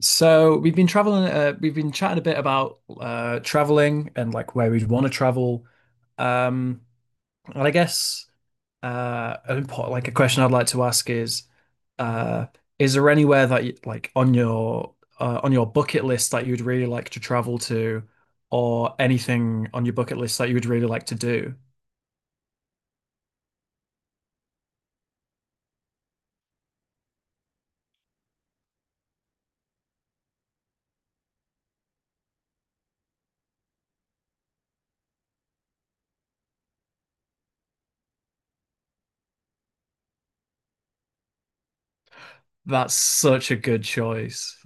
So we've been traveling, we've been chatting a bit about traveling and like where we'd want to travel. Um, and I guess an important, like a question I'd like to ask uh, is there anywhere that you, like on your bucket list that you'd really like to travel to, or anything on your bucket list that you would really like to do? That's such a good choice.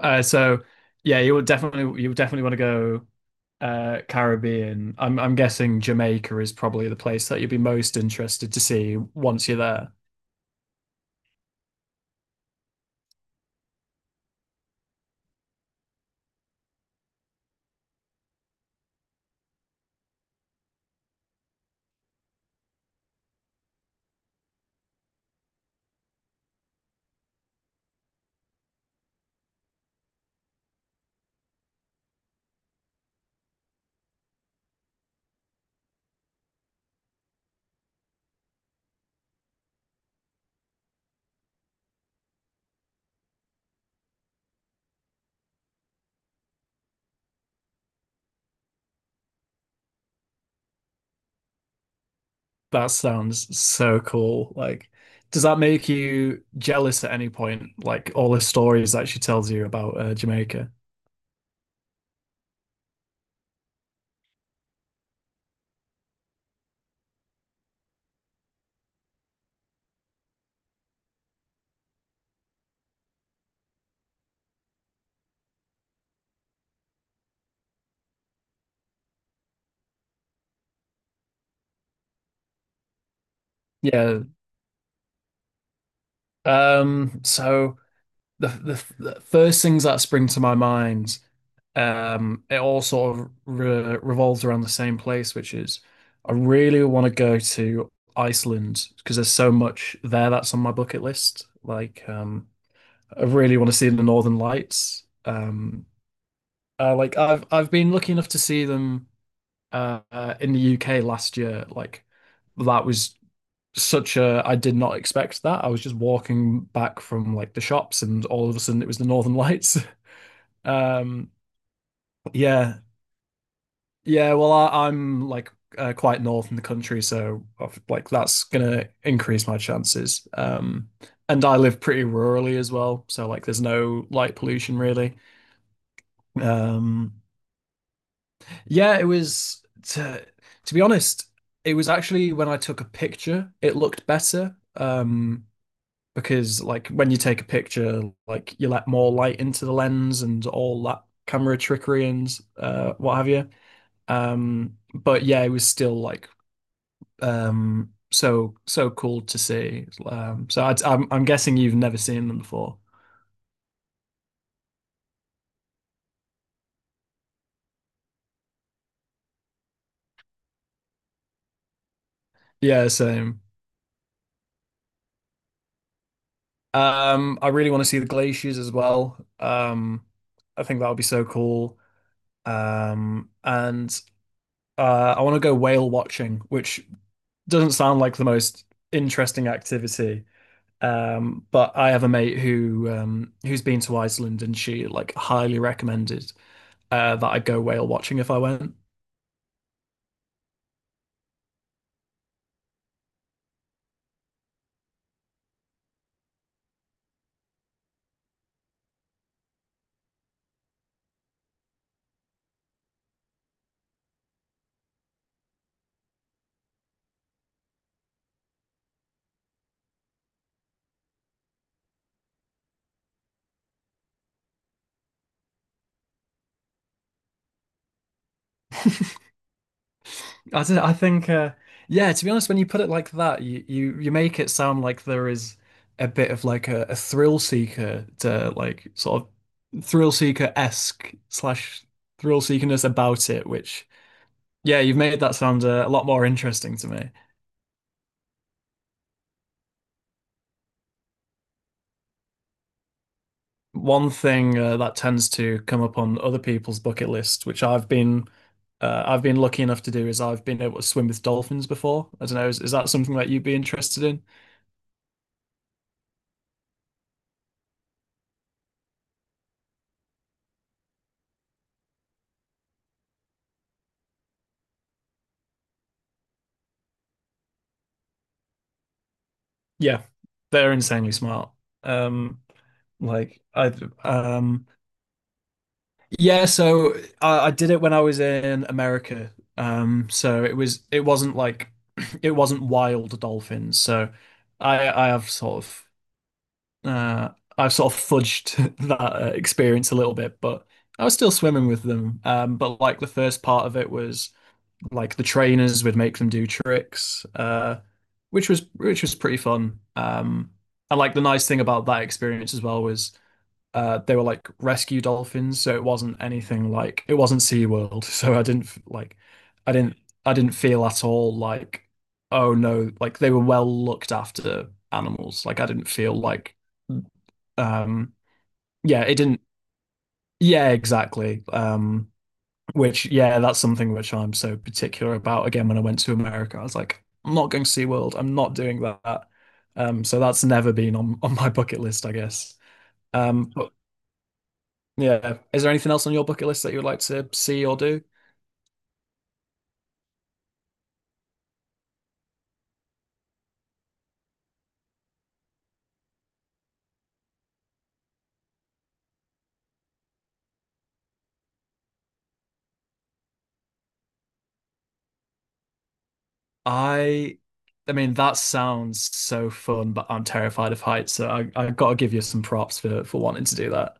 So yeah, you would definitely want to go Caribbean. I'm guessing Jamaica is probably the place that you'd be most interested to see once you're there. That sounds so cool. Like, does that make you jealous at any point? Like all the stories that she tells you about Jamaica? Yeah. So the first things that spring to my mind, it all sort of re revolves around the same place, which is I really want to go to Iceland because there's so much there that's on my bucket list. Like, I really want to see the Northern Lights. Like I've been lucky enough to see them in the UK last year. Like, that was such a I did not expect that. I was just walking back from like the shops and all of a sudden it was the Northern Lights. Um, yeah, yeah. Well, I'm like quite north in the country, so like that's gonna increase my chances. And I live pretty rurally as well, so like there's no light pollution really. Um, yeah, it was to to be honest, it was actually when I took a picture, it looked better. Because like when you take a picture, like you let more light into the lens and all that camera trickery and what have you. But yeah, it was still like so so cool to see. So I'm guessing you've never seen them before. Yeah, same. I really want to see the glaciers as well. I think that would be so cool. And I want to go whale watching, which doesn't sound like the most interesting activity. But I have a mate who who's been to Iceland, and she like highly recommended that I go whale watching if I went. I don't know, I think yeah, to be honest, when you put it like that, you make it sound like there is a bit of like a thrill seeker to like sort of thrill seeker-esque slash thrill seekerness about it, which yeah, you've made that sound a lot more interesting to me. One thing that tends to come up on other people's bucket list, which I've been lucky enough to do, is I've been able to swim with dolphins before. I don't know, is that something that you'd be interested in? Yeah, they're insanely smart. Um, like I um yeah, so I did it when I was in America. So it was it wasn't like it wasn't wild dolphins. So I have sort of uh, I've sort of fudged that experience a little bit, but I was still swimming with them. But like the first part of it was like the trainers would make them do tricks, which was pretty fun. And like the nice thing about that experience as well was they were like rescue dolphins, so it wasn't anything like it wasn't SeaWorld, so I didn't like I didn't I didn't feel at all like oh no, like they were well looked after animals. Like I didn't feel like. Um, yeah, it didn't. Yeah, exactly. Which, yeah, that's something which I'm so particular about. Again, when I went to America, I was like, I'm not going to SeaWorld. I'm not doing that. So that's never been on my bucket list, I guess. But yeah, is there anything else on your bucket list that you would like to see or do? I, I mean, that sounds so fun, but I'm terrified of heights, so I got to give you some props for wanting to do that.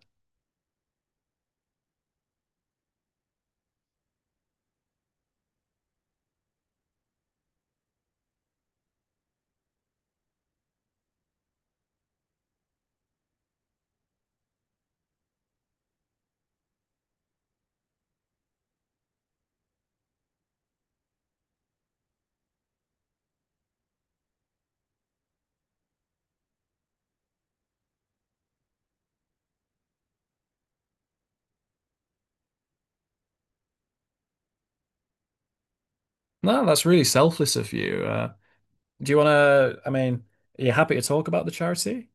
No, that's really selfless of you. Do you want to, I mean, are you happy to talk about the charity?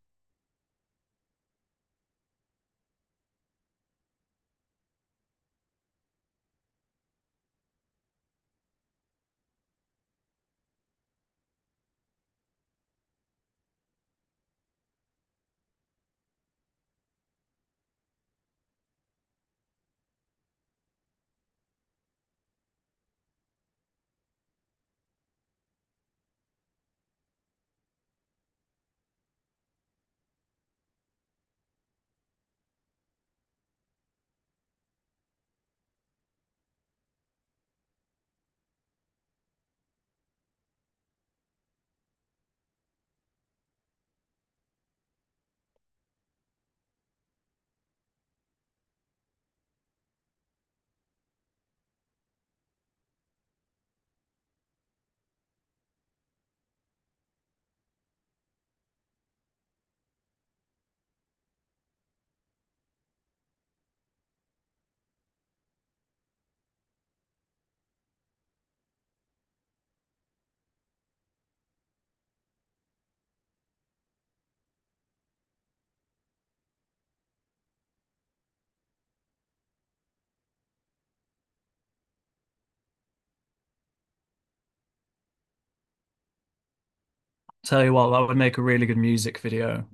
Tell you what, that would make a really good music video.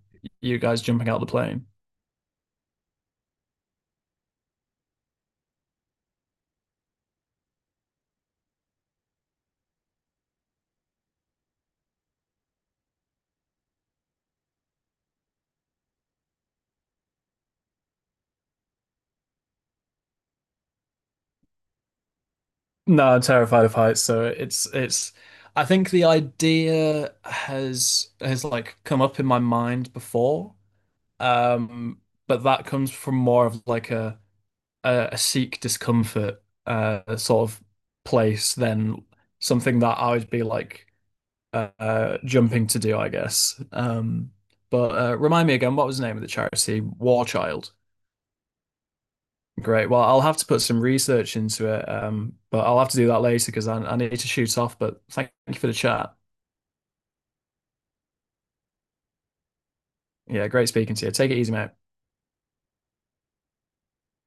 You guys jumping out the plane. No, I'm terrified of heights, so it's I think the idea has like come up in my mind before. Um, but that comes from more of like a Sikh discomfort sort of place than something that I would be like jumping to do, I guess. But remind me again, what was the name of the charity? War Child. Great. Well, I'll have to put some research into it, but I'll have to do that later because I need to shoot off. But thank you for the chat. Yeah, great speaking to you. Take it easy, mate.